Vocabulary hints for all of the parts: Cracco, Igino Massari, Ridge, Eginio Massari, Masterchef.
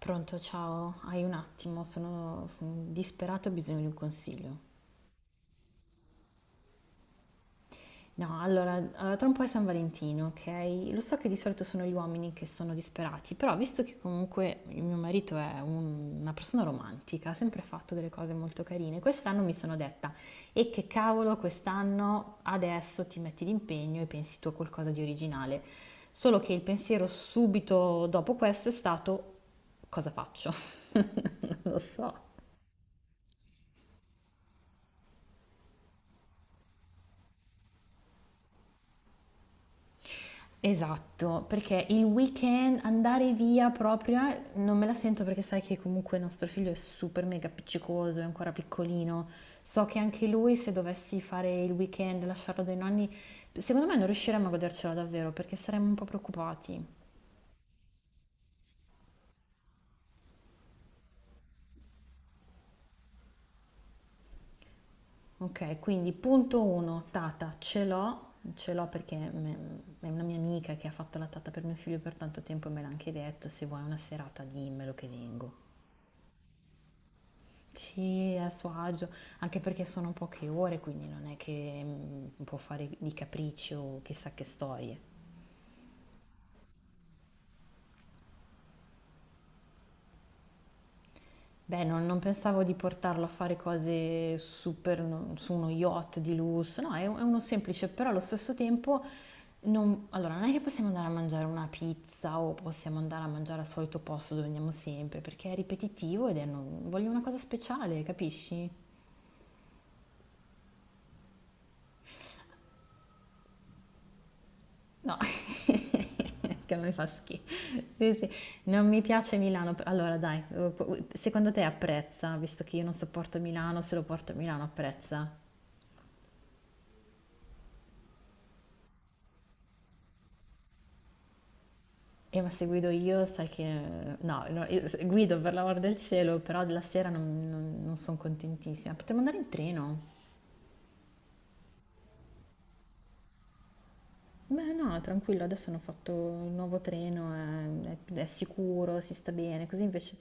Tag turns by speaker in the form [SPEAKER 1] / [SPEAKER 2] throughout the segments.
[SPEAKER 1] Pronto, ciao, hai un attimo, sono disperata, ho bisogno di un consiglio. No, allora, tra un po' è San Valentino, ok? Lo so che di solito sono gli uomini che sono disperati, però visto che comunque il mio marito è una persona romantica, ha sempre fatto delle cose molto carine, quest'anno mi sono detta, e che cavolo, quest'anno adesso ti metti d'impegno e pensi tu a qualcosa di originale. Solo che il pensiero subito dopo questo è stato, cosa faccio? Non lo so. Esatto, perché il weekend andare via proprio non me la sento perché sai che comunque il nostro figlio è super mega appiccicoso, è ancora piccolino. So che anche lui se dovessi fare il weekend, lasciarlo dai nonni, secondo me non riusciremmo a godercelo davvero perché saremmo un po' preoccupati. Ok, quindi punto 1, tata, ce l'ho perché è una mia amica che ha fatto la tata per mio figlio per tanto tempo e me l'ha anche detto, se vuoi una serata dimmelo che vengo. Sì, a suo agio, anche perché sono poche ore, quindi non è che può fare di capricci o chissà che storie. Beh, non pensavo di portarlo a fare cose super no, su uno yacht di lusso, no, è, è uno semplice, però allo stesso tempo non, allora, non è che possiamo andare a mangiare una pizza o possiamo andare a mangiare al solito posto dove andiamo sempre, perché è ripetitivo ed è voglio una cosa speciale, capisci? No. Che mi fa schifo. Sì, sì. Non mi piace Milano. Allora, dai, secondo te apprezza, visto che io non sopporto Milano, se lo porto a Milano apprezza? Ma se guido io, sai che... No, no, io guido per l'amor del cielo, però la sera non sono contentissima. Potremmo andare in treno? Beh, no, tranquillo, adesso hanno fatto il nuovo treno, è, è sicuro, si sta bene, così invece.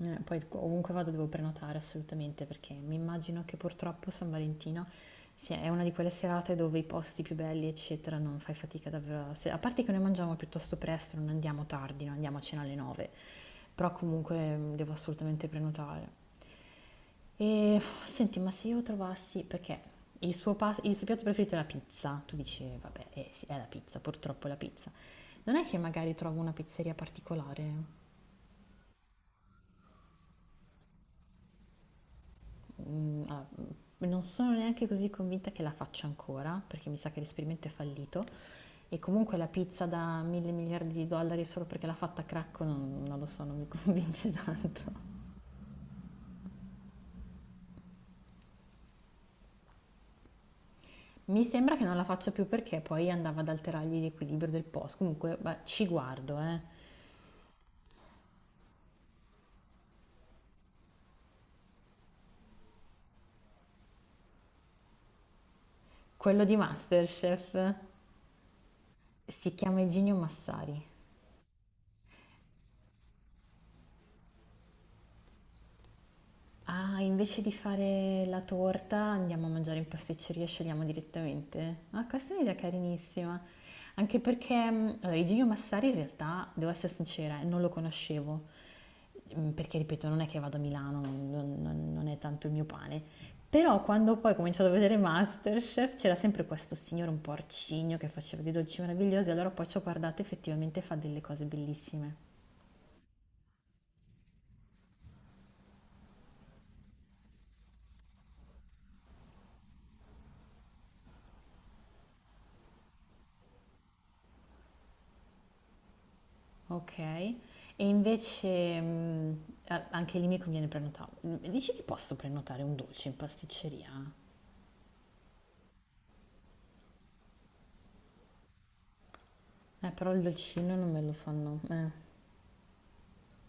[SPEAKER 1] Poi ovunque vado devo prenotare assolutamente perché mi immagino che purtroppo San Valentino sia, è una di quelle serate dove i posti più belli, eccetera, non fai fatica davvero. A se- A parte che noi mangiamo piuttosto presto, non andiamo tardi, non andiamo a cena alle 9, però comunque devo assolutamente prenotare. E senti, ma se io trovassi, perché il il suo piatto preferito è la pizza, tu dici, vabbè, sì, è la pizza, purtroppo è la pizza. Non è che magari trovo una pizzeria particolare? Non sono neanche così convinta che la faccia ancora, perché mi sa che l'esperimento è fallito. E comunque la pizza da mille miliardi di dollari solo perché l'ha fatta a Cracco non lo so, non mi convince tanto. Mi sembra che non la faccia più perché poi andava ad alterargli l'equilibrio del post. Comunque beh, ci guardo, eh. Quello di Masterchef si chiama Eginio Massari. Ah, invece di fare la torta andiamo a mangiare in pasticceria e scegliamo direttamente? Ah, questa è un'idea carinissima. Anche perché, allora, Igino Massari in realtà, devo essere sincera, non lo conoscevo. Perché, ripeto, non è che vado a Milano, non è tanto il mio pane. Però quando poi ho cominciato a vedere Masterchef c'era sempre questo signore un po' arcigno che faceva dei dolci meravigliosi, allora poi ci ho guardato effettivamente fa delle cose bellissime. Okay. E invece, a anche lì mi conviene prenota dici che posso prenotare un dolce in pasticceria? Però il dolcino non me lo fanno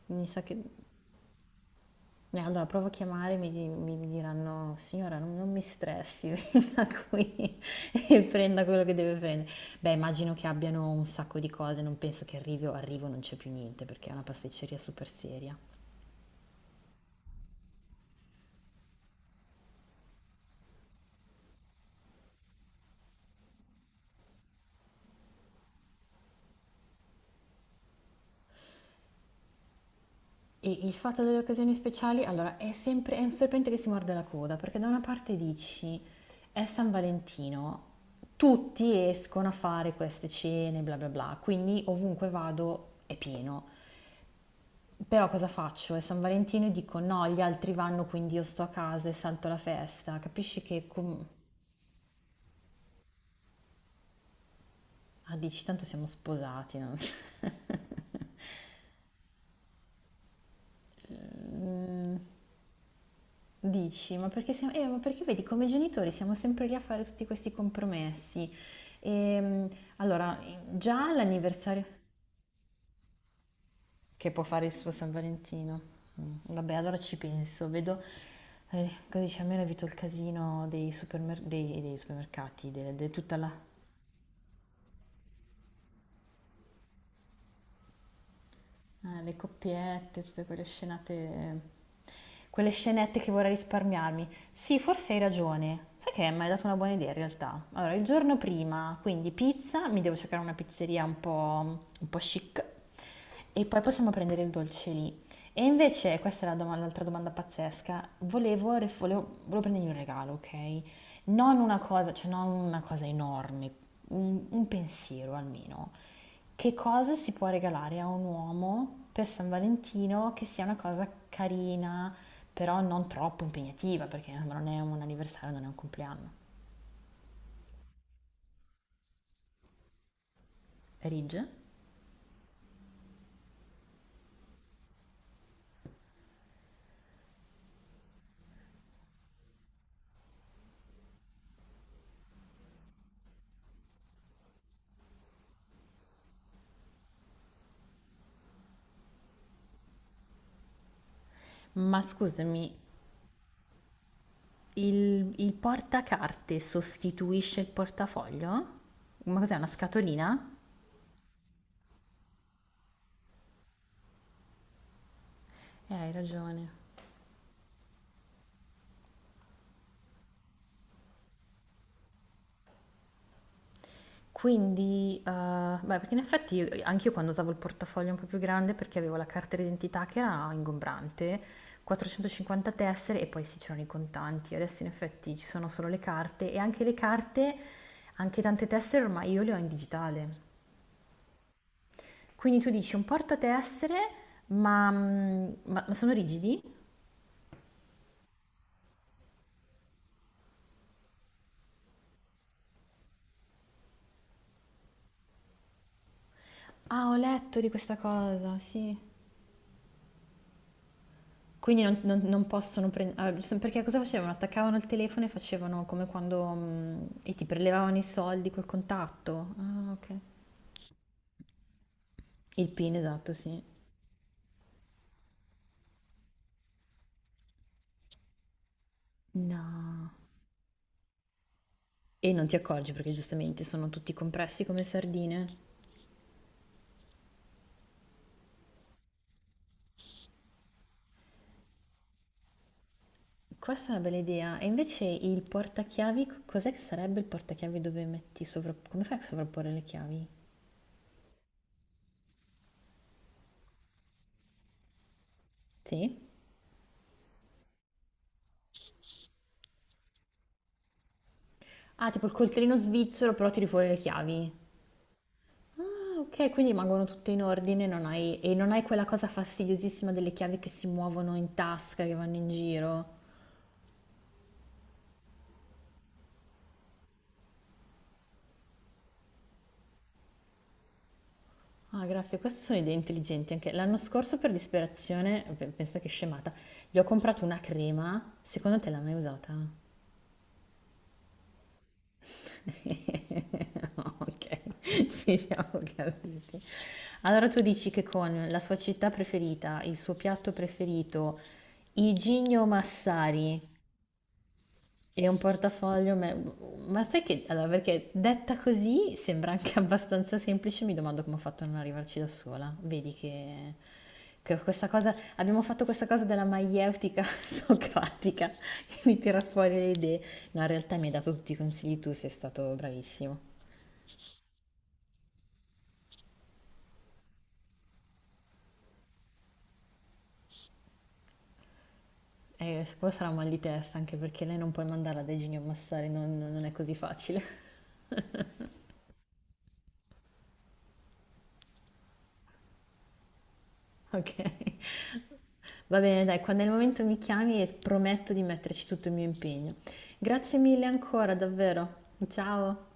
[SPEAKER 1] mi sa che allora provo a chiamare, mi di mi mi diranno: "Signora non mi stressi, venga qui e prenda quello che deve prendere". Beh, immagino che abbiano un sacco di cose, non penso che arrivo e non c'è più niente, perché è una pasticceria super seria. Il fatto delle occasioni speciali, allora, è un serpente che si morde la coda, perché da una parte dici è San Valentino, tutti escono a fare queste cene, bla bla bla, quindi ovunque vado è pieno. Però cosa faccio? È San Valentino e dico no, gli altri vanno, quindi io sto a casa e salto la festa. Capisci che ah, dici tanto siamo sposati, no? Mm, Dici, ma perché siamo, ma perché vedi, come genitori siamo sempre lì a fare tutti questi compromessi. Ehm, allora, già l'anniversario che può fare il suo San Valentino. Vabbè, allora ci penso, vedo, cosa dice, almeno evito il casino dei supermercati, de tutta la. Le coppiette, tutte quelle scenate, quelle scenette che vorrei risparmiarmi. Sì, forse hai ragione. Sai che mi hai dato una buona idea in realtà. Allora, il giorno prima, quindi pizza, mi devo cercare una pizzeria un po' chic e poi possiamo prendere il dolce lì. E invece, questa è la l'altra domanda pazzesca, volevo prendergli un regalo, ok? Non una cosa, cioè non una cosa enorme, un pensiero almeno. Che cosa si può regalare a un uomo per San Valentino che sia una cosa carina, però non troppo impegnativa, perché insomma, non è un anniversario, non è un compleanno. Ridge? Ma scusami, il portacarte sostituisce il portafoglio? Ma cos'è, una scatolina? Hai ragione. Quindi, beh, perché in effetti anche io quando usavo il portafoglio un po' più grande perché avevo la carta d'identità che era ingombrante, 450 tessere e poi sì, c'erano i contanti. Adesso in effetti ci sono solo le carte e anche le carte, anche tante tessere ormai io le ho in digitale. Quindi tu dici un portatessere, ma sono rigidi? Ah, ho letto di questa cosa, sì. Quindi non possono prendere... perché cosa facevano? Attaccavano il telefono e facevano come quando... e ti prelevavano i soldi col contatto. Ah, ok. Il PIN, esatto, sì. No. E non ti accorgi perché giustamente sono tutti compressi come sardine. Questa è una bella idea. E invece il portachiavi, cos'è che sarebbe il portachiavi dove metti sovra... Come fai a sovrapporre le chiavi? Sì? Ah, tipo il coltellino svizzero, però tiri fuori le chiavi. Ah, ok, quindi rimangono tutte in ordine, non hai- e non hai quella cosa fastidiosissima delle chiavi che si muovono in tasca, che vanno in giro. Ah, grazie, queste sono idee intelligenti anche. L'anno scorso per disperazione, pensa che scemata, gli ho comprato una crema, secondo te l'ha mai usata? Ok, finiamo capiti. Allora tu dici che con la sua città preferita, il suo piatto preferito, i Gigno Massari e un portafoglio, ma sai che, allora, perché detta così sembra anche abbastanza semplice, mi domando come ho fatto a non arrivarci da sola. Vedi che questa cosa, abbiamo fatto questa cosa della maieutica socratica che mi tira fuori le idee. No, in realtà mi hai dato tutti i consigli tu, sei stato bravissimo. E poi sarà un mal di testa, anche perché lei non puoi mandarla dai geni a massare, non è così facile. Ok, va bene, dai, quando è il momento mi chiami e prometto di metterci tutto il mio impegno. Grazie mille ancora, davvero. Ciao.